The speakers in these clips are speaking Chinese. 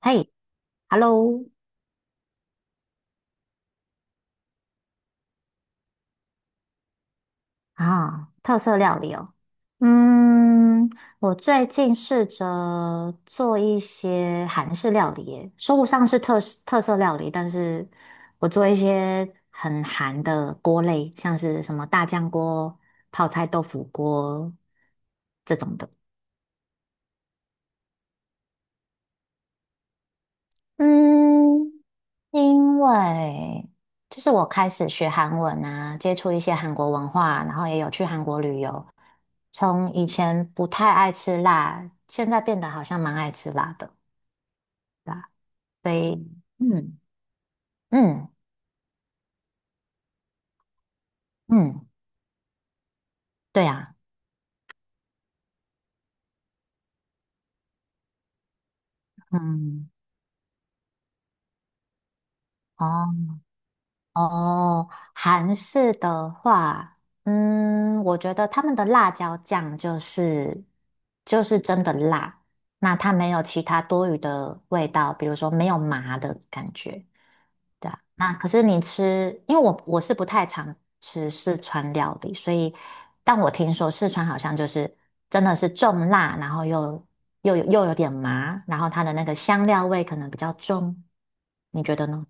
嘿，Hello，啊，特色料理哦。嗯，我最近试着做一些韩式料理耶，说不上是特色料理，但是我做一些很韩的锅类，像是什么大酱锅、泡菜豆腐锅这种的。嗯，因为就是我开始学韩文啊，接触一些韩国文化，然后也有去韩国旅游。从以前不太爱吃辣，现在变得好像蛮爱吃辣的，对吧？所以，嗯嗯嗯，对啊，嗯，哦。哦，韩式的话，嗯，我觉得他们的辣椒酱就是真的辣，那它没有其他多余的味道，比如说没有麻的感觉，对啊。那可是你吃，因为我是不太常吃四川料理，所以但我听说四川好像就是真的是重辣，然后又有点麻，然后它的那个香料味可能比较重，你觉得呢？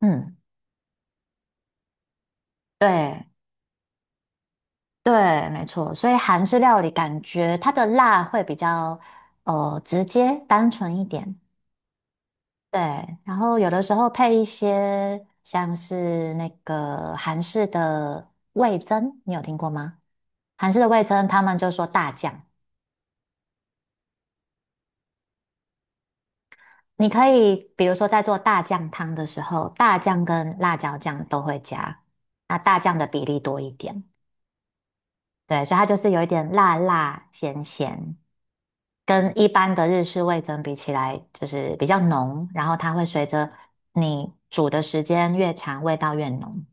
嗯，对，对，没错，所以韩式料理感觉它的辣会比较直接、单纯一点。对，然后有的时候配一些像是那个韩式的味增，你有听过吗？韩式的味增，他们就说大酱，你可以比如说在做大酱汤的时候，大酱跟辣椒酱都会加，那大酱的比例多一点。对，所以它就是有一点辣辣咸咸，跟一般的日式味增比起来，就是比较浓，然后它会随着你煮的时间越长，味道越浓。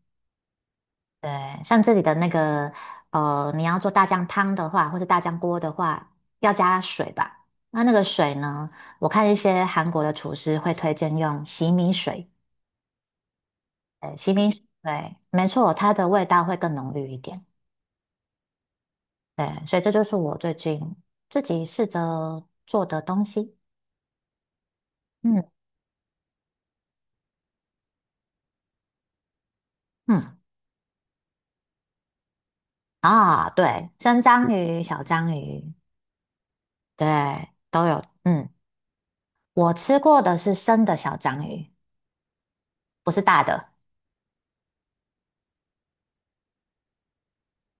对，像这里的那个，你要做大酱汤的话，或者大酱锅的话，要加水吧？那那个水呢，我看一些韩国的厨师会推荐用洗米水，洗米水，对，没错，它的味道会更浓郁一点。对，所以这就是我最近自己试着做的东西。嗯嗯。啊，对，生章鱼、小章鱼，对，都有。嗯，我吃过的是生的小章鱼，不是大的。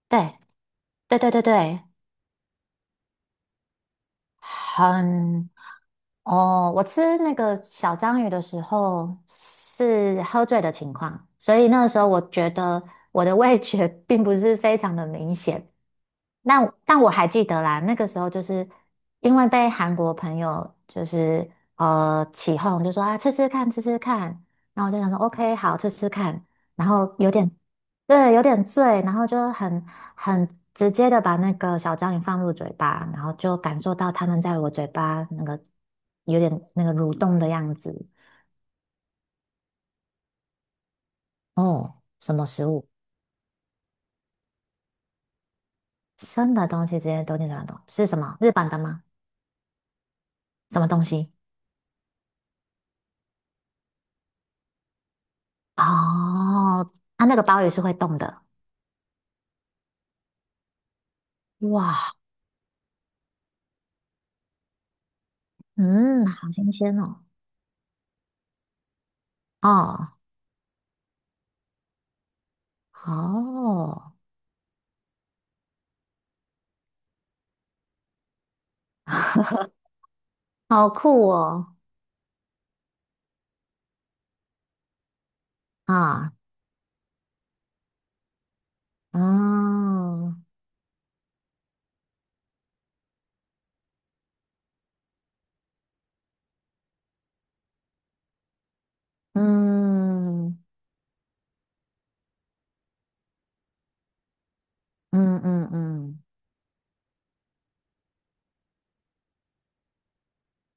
对，对，很哦，我吃那个小章鱼的时候是喝醉的情况，所以那个时候我觉得我的味觉 并不是非常的明显。那但我还记得啦，那个时候就是因为被韩国朋友就是起哄，就说啊吃吃看吃吃看，然后我就想说 OK 好吃吃看，然后有点对，有点醉，然后就很直接的把那个小章鱼放入嘴巴，然后就感受到它们在我嘴巴那个有点那个蠕动的样子。哦，什么食物？生的东西直接都进嘴巴动，是什么？日本的吗？什么东西？哦，它那个鲍鱼是会动的。哇，嗯，好新鲜哦。哦，哦，好酷哦。啊，嗯，嗯，嗯。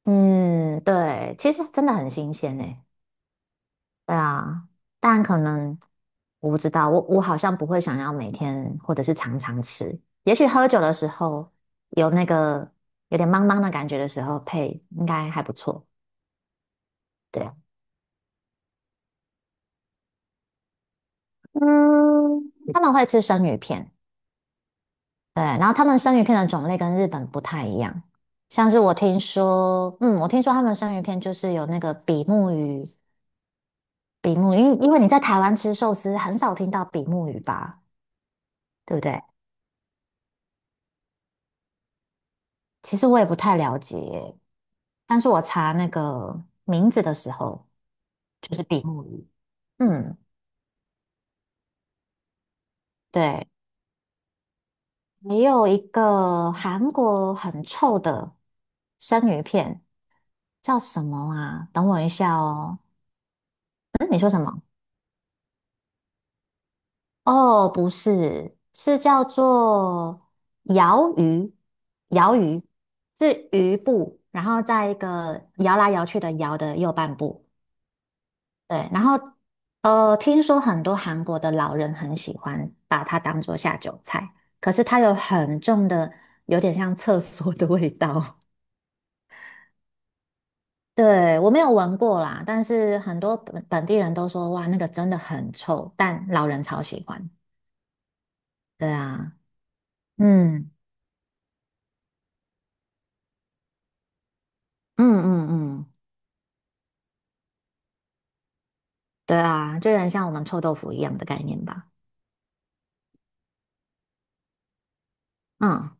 嗯，对，其实真的很新鲜诶。对啊，但可能我不知道，我好像不会想要每天或者是常常吃。也许喝酒的时候有那个有点茫茫的感觉的时候配，应该还不错。对，嗯，他们会吃生鱼片，对，然后他们生鱼片的种类跟日本不太一样。像是我听说，嗯，我听说他们生鱼片就是有那个比目鱼，比目鱼，因为你在台湾吃寿司很少听到比目鱼吧？对不对？其实我也不太了解，但是我查那个名字的时候，就是比目鱼。嗯，对，还有一个韩国很臭的生鱼片，叫什么啊？等我一下哦。嗯，你说什么？哦，不是，是叫做摇鱼，摇鱼是鱼部，然后在一个摇来摇去的摇的右半部。对，然后听说很多韩国的老人很喜欢把它当做下酒菜，可是它有很重的，有点像厕所的味道。对，我没有闻过啦，但是很多本地人都说，哇，那个真的很臭，但老人超喜欢。对啊，嗯嗯嗯嗯，对啊，就有点像我们臭豆腐一样的概念吧。嗯，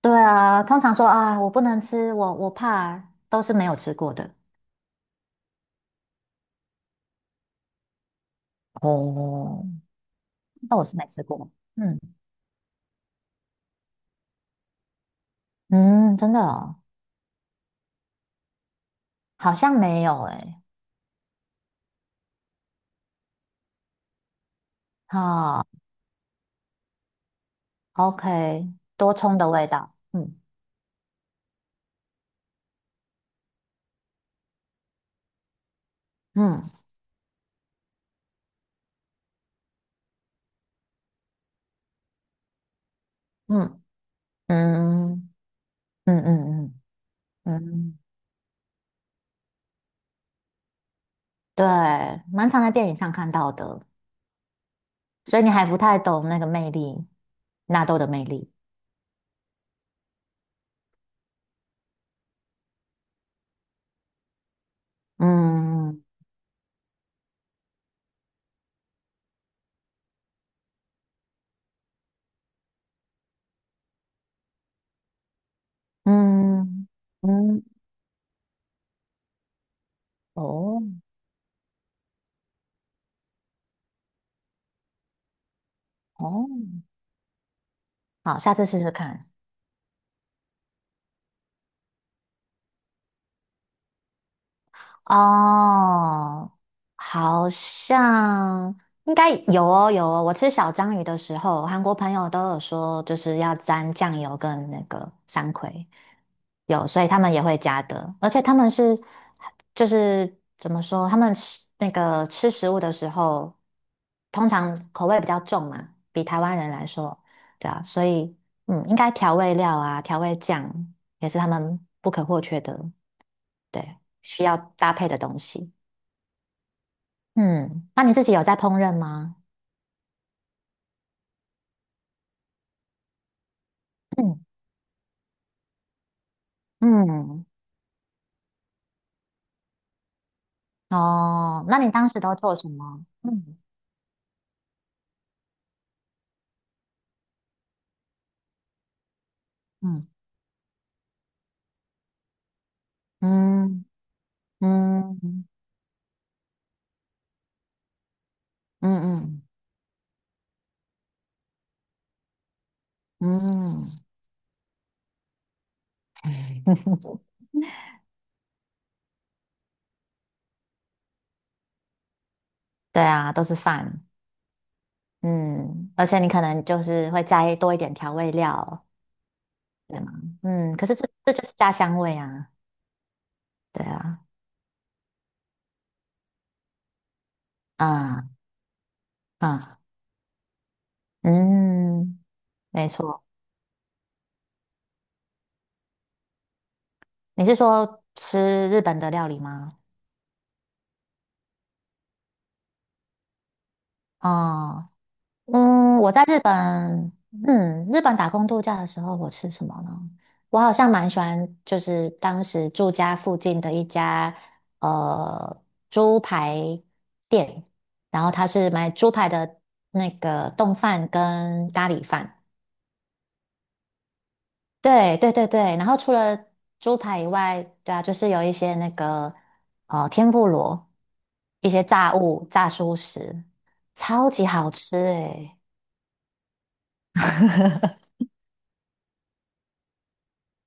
对啊，通常说啊，我不能吃，我怕，都是没有吃过的。哦，那我是没吃过。嗯。嗯，真的哦，好像没有诶。好，OK，多葱的味道。嗯嗯嗯嗯嗯嗯嗯嗯，对，蛮常在电影上看到的，所以你还不太懂那个魅力，纳豆的魅力。嗯嗯嗯，哦哦，好，下次试试看。哦，好像应该有哦，有哦。我吃小章鱼的时候，韩国朋友都有说，就是要沾酱油跟那个山葵，有，所以他们也会加的。而且他们是，就是怎么说，他们吃那个吃食物的时候，通常口味比较重嘛，比台湾人来说，对啊，所以嗯，应该调味料啊，调味酱也是他们不可或缺的。对，需要搭配的东西。嗯，那你自己有在烹饪吗？嗯嗯，哦，那你当时都做什么？嗯嗯嗯嗯嗯嗯嗯，嗯 对啊，都是饭。嗯，而且你可能就是会加多一点调味料，对吗？嗯，可是这就是家乡味啊。对啊，啊啊嗯，没错。你是说吃日本的料理吗？哦，嗯，我在日本，嗯，日本打工度假的时候，我吃什么呢？我好像蛮喜欢，就是当时住家附近的一家呃猪排店，然后它是买猪排的那个冻饭跟咖喱饭。对，然后除了猪排以外，对啊，就是有一些那个天妇罗，一些炸物、炸蔬食，超级好吃诶、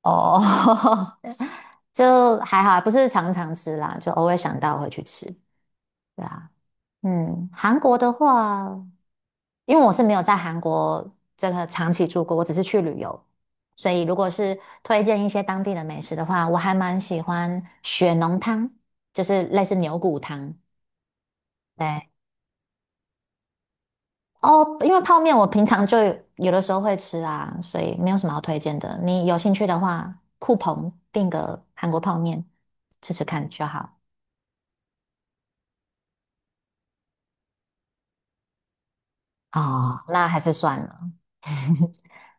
哦，就还好啊不是常常吃啦，就偶尔想到会去吃。对啊，嗯，韩国的话，因为我是没有在韩国这个长期住过，我只是去旅游，所以如果是推荐一些当地的美食的话，我还蛮喜欢血浓汤，就是类似牛骨汤。对，哦，因为泡面我平常就有的时候会吃啊，所以没有什么好推荐的。你有兴趣的话，酷鹏订个韩国泡面吃吃看就好。哦，那还是算了。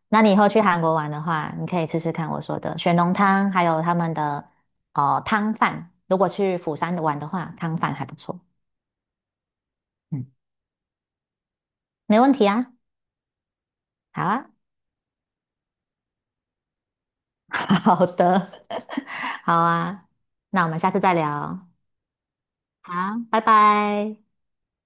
那你以后去韩国玩的话，你可以吃吃看我说的雪浓汤，还有他们的哦汤饭。如果去釜山玩的话，汤饭还不错。嗯，没问题啊。好啊，好的，好啊。那我们下次再聊。好，拜拜。